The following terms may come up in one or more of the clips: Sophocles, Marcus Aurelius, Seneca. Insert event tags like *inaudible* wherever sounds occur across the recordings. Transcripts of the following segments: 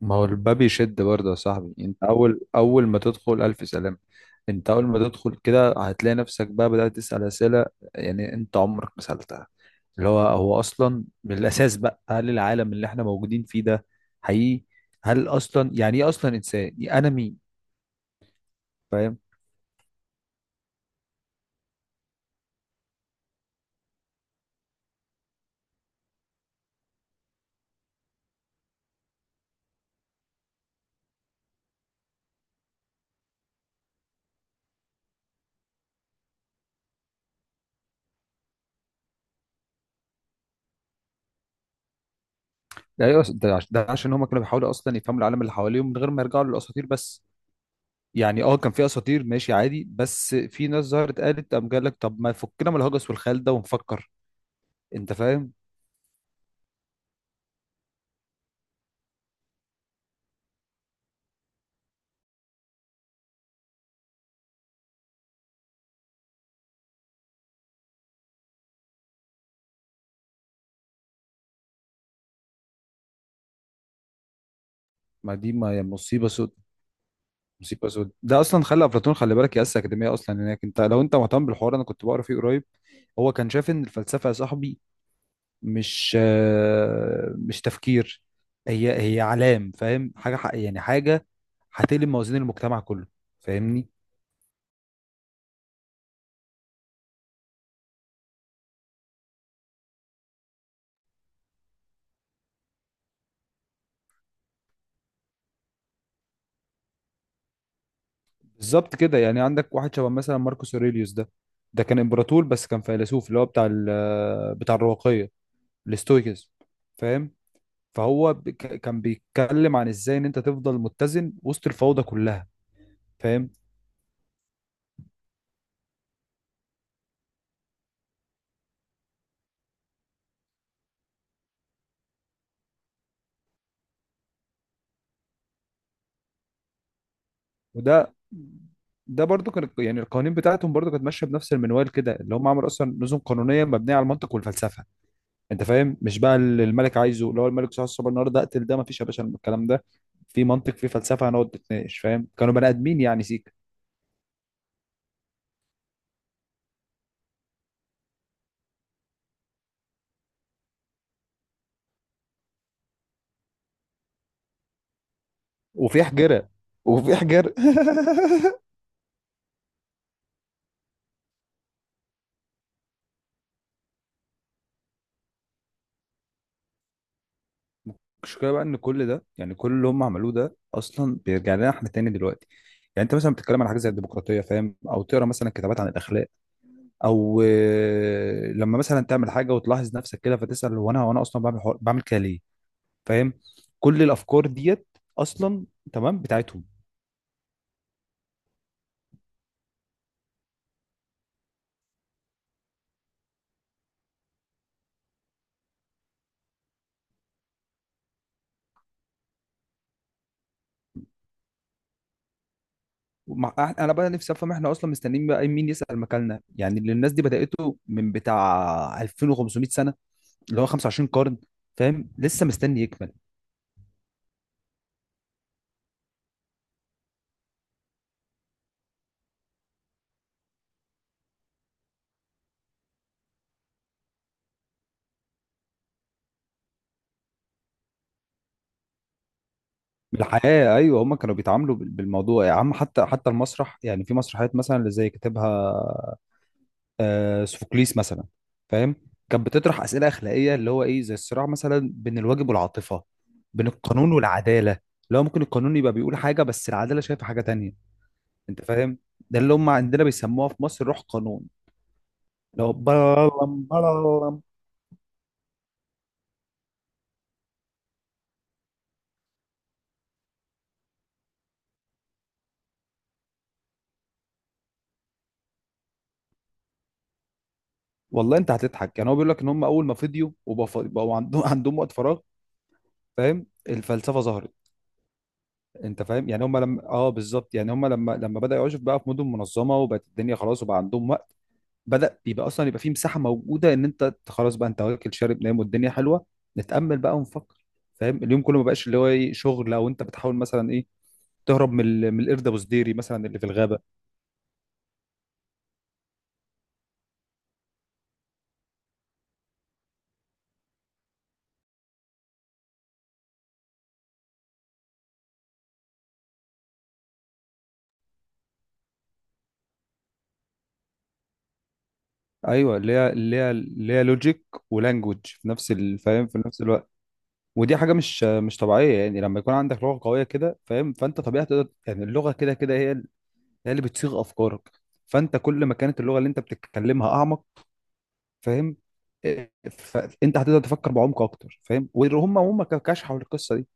ما هو الباب يشد برضه يا صاحبي. انت اول ما تدخل الف سلام. انت اول ما تدخل كده هتلاقي نفسك بقى بدأت تسأل اسئله، يعني انت عمرك ما سألتها. اللي هو اصلا من الاساس بقى، هل العالم اللي احنا موجودين فيه ده حقيقي؟ هل اصلا، يعني ايه اصلا انسان، يعني انا مين؟ فاهم. ده إيه أصلاً؟ ده عشان هم كانوا بيحاولوا اصلا يفهموا العالم اللي حواليهم من غير ما يرجعوا للاساطير بس. يعني كان في اساطير، ماشي عادي، بس في ناس ظهرت قالت، قام قال لك طب ما فكنا من الهجس والخيال ده ونفكر. انت فاهم؟ ما دي ما مصيبه سود. مصيبه سود، ده اصلا خلى افلاطون. خلي بالك ياسس اكاديميه اصلا هناك. انت لو انت مهتم بالحوار، انا كنت بقرا فيه قريب. هو كان شايف ان الفلسفه يا صاحبي مش تفكير، هي علام، فاهم؟ حاجه ح- يعني حاجه هتقلب موازين المجتمع كله. فاهمني؟ بالظبط كده. يعني عندك واحد شبه مثلا ماركوس اوريليوس ده كان امبراطور بس كان فيلسوف، اللي هو بتاع الرواقيه، الاستويكس. فاهم؟ فهو كان بيتكلم عن ازاي ان انت تفضل متزن وسط الفوضى كلها. فاهم؟ وده برضو كان، يعني القوانين بتاعتهم برضو كانت ماشيه بنفس المنوال كده، اللي هم عملوا اصلا نظم قانونيه مبنيه على المنطق والفلسفه. انت فاهم؟ مش بقى اللي الملك عايزه، اللي هو الملك صحيح الصبح النهارده اقتل ده. ما فيش يا باشا الكلام ده. في منطق، في فلسفه، هنقعد نتناقش. فاهم؟ كانوا بني ادمين يعني، سيك. وفي حجره. وفي حجر *laughs* المشكله بقى ان كل ده، يعني كل اللي هم عملوه ده اصلا بيرجع لنا احنا تاني دلوقتي. يعني انت مثلا بتتكلم عن حاجه زي الديمقراطيه، فاهم؟ او تقرا مثلا كتابات عن الاخلاق. او لما مثلا تعمل حاجه وتلاحظ نفسك كده فتسال، هو انا اصلا بعمل كده ليه؟ فاهم؟ كل الافكار ديت اصلا تمام بتاعتهم. انا بقى نفسي افهم، احنا اصلا مستنيين بقى مين يسال مكاننا؟ يعني اللي الناس دي بدأته من بتاع 2500 سنه، اللي هو 25 قرن. فاهم؟ لسه مستني يكمل؟ بالحياة أيوة، هما كانوا بيتعاملوا بالموضوع يا عم. حتى المسرح، يعني في مسرحيات مثلا اللي زي كاتبها سوفوكليس مثلا، فاهم؟ كانت بتطرح أسئلة أخلاقية، اللي هو إيه، زي الصراع مثلا بين الواجب والعاطفة، بين القانون والعدالة. اللي هو ممكن القانون يبقى بيقول حاجة بس العدالة شايفة حاجة تانية. أنت فاهم؟ ده اللي هم عندنا بيسموها في مصر روح قانون، اللي هو بلالم بلالم. والله أنت هتضحك، يعني هو بيقول لك إن هم أول ما فضيوا وبقوا عندهم وقت فراغ، فاهم؟ الفلسفة ظهرت. انت فاهم؟ يعني هم لما بالظبط، يعني هم لما بدأ يعيشوا بقى في مدن منظمه وبقت الدنيا خلاص، وبقى عندهم وقت، بدأ يبقى اصلا يبقى في مساحه موجوده ان انت خلاص بقى، انت واكل شارب نايم والدنيا حلوه، نتأمل بقى ونفكر. فاهم؟ اليوم كله ما بقاش اللي هو ايه، شغل، او انت بتحاول مثلا ايه، تهرب من من القرد ابو سديري مثلا اللي في الغابه. ايوه، اللي هي لوجيك ولانجوج في نفس الوقت ودي حاجه مش طبيعيه. يعني لما يكون عندك لغه قويه كده، فاهم؟ فانت طبيعي تقدر. يعني اللغه كده كده هي اللي بتصيغ افكارك. فانت كل ما كانت اللغه اللي انت بتتكلمها اعمق، فاهم؟ إيه، فانت هتقدر تفكر بعمق اكتر، فاهم؟ وهم كشحوا القصه دي.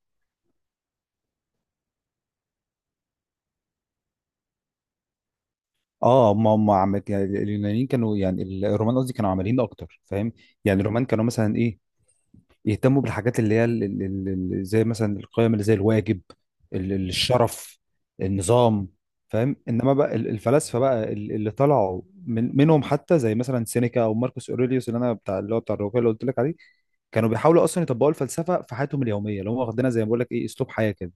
اه هم يعني اليونانيين كانوا، يعني الرومان قصدي، كانوا عمليين اكتر، فاهم؟ يعني الرومان كانوا مثلا ايه، يهتموا بالحاجات اللي هي زي مثلا القيم، اللي زي الواجب، الشرف، النظام. فاهم؟ انما بقى الفلاسفه بقى اللي طلعوا منهم حتى، زي مثلا سينيكا او ماركوس اوريليوس، اللي هو بتاع الروايه اللي قلت لك عليه، كانوا بيحاولوا اصلا يطبقوا الفلسفه في حياتهم اليوميه، اللي هم واخدينها زي ما بقول لك ايه، اسلوب حياه كده،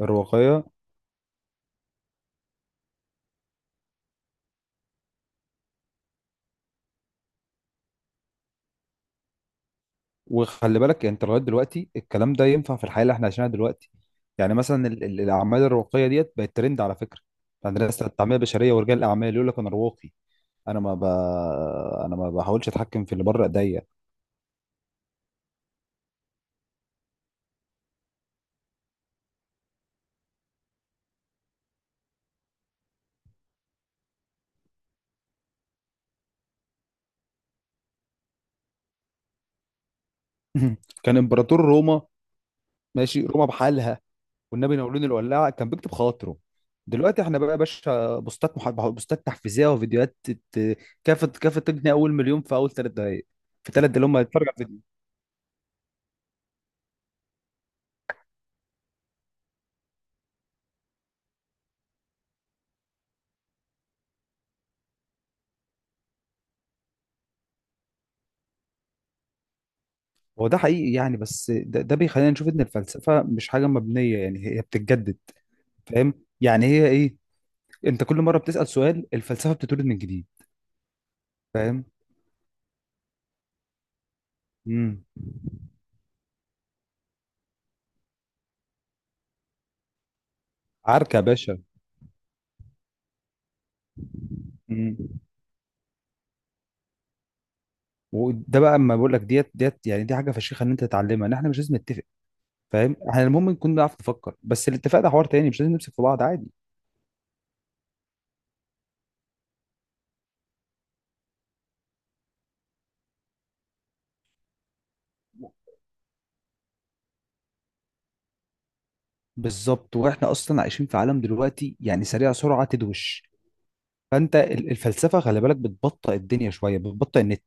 الرواقيه. وخلي بالك انت لغايه دلوقتي الكلام ده ينفع في الحياه اللي احنا عايشينها دلوقتي. يعني مثلا الاعمال الرواقيه ديت بقت ترند على فكره عند الناس، التنميه البشريه ورجال الاعمال يقول لك انا رواقي، انا ما ب... انا ما بحاولش اتحكم في اللي بره ايديا *laughs* كان امبراطور روما، ماشي، روما بحالها، والنبي نورين الولاعه كان بيكتب خواطره. دلوقتي احنا بقى يا باشا بوستات تحفيزيه وفيديوهات ت- كافه كافه تجني اول مليون في اول 3 دقائق، في 3 دقائق اللي هم يتفرجوا على الفيديو. هو ده حقيقي يعني، بس ده بيخلينا نشوف ان الفلسفه مش حاجه مبنيه، يعني هي بتتجدد. فاهم؟ يعني هي ايه، انت كل مره بتسال سؤال الفلسفه بتتولد من جديد. فاهم؟ امم عركه يا باشا. امم وده بقى اما بقول لك، ديت يعني، دي حاجه فشيخه ان انت تتعلمها، ان احنا مش لازم نتفق. فاهم؟ احنا المهم نكون بنعرف نفكر. بس الاتفاق ده حوار تاني، مش لازم نمسك في بعض عادي. بالظبط، واحنا اصلا عايشين في عالم دلوقتي يعني سريع، سرعه تدوش. فانت الفلسفه خلي بالك بتبطئ الدنيا شويه، بتبطئ النت.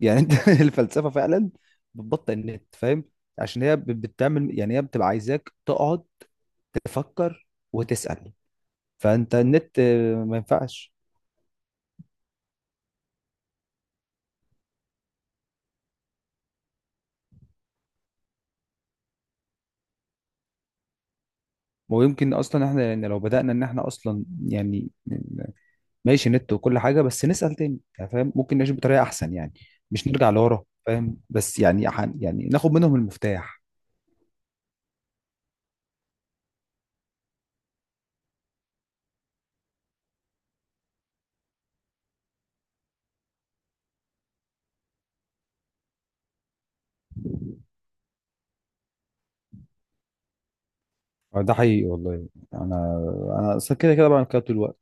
يعني انت *laughs* الفلسفه فعلا بتبطئ النت. فاهم؟ عشان هي بتعمل، يعني هي بتبقى عايزاك تقعد تفكر وتسال. فانت النت ما ينفعش. ويمكن اصلا احنا يعني، لو بدانا ان احنا اصلا يعني ماشي نت وكل حاجه بس نسال تاني، يعني فاهم، ممكن نعيش بطريقه احسن يعني. مش نرجع لورا. فاهم؟ بس يعني يعني ناخد منهم المفتاح. ده حقيقي والله. انا انا اصلا كده كده بعمل كده طول الوقت،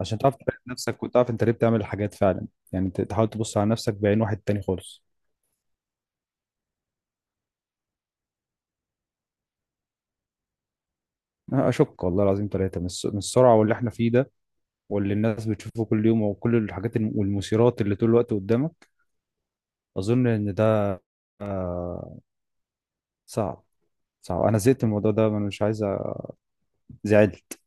عشان تعرف تراقب نفسك وتعرف انت ليه بتعمل الحاجات فعلا. يعني تحاول تبص على نفسك بعين واحد تاني خالص. أنا اشك والله العظيم ثلاثه من من السرعه واللي احنا فيه ده، واللي الناس بتشوفه كل يوم، وكل الحاجات والمثيرات اللي طول الوقت قدامك. اظن ان ده آه، صعب. صعب. انا زهقت من الموضوع ده، انا مش عايز زعل.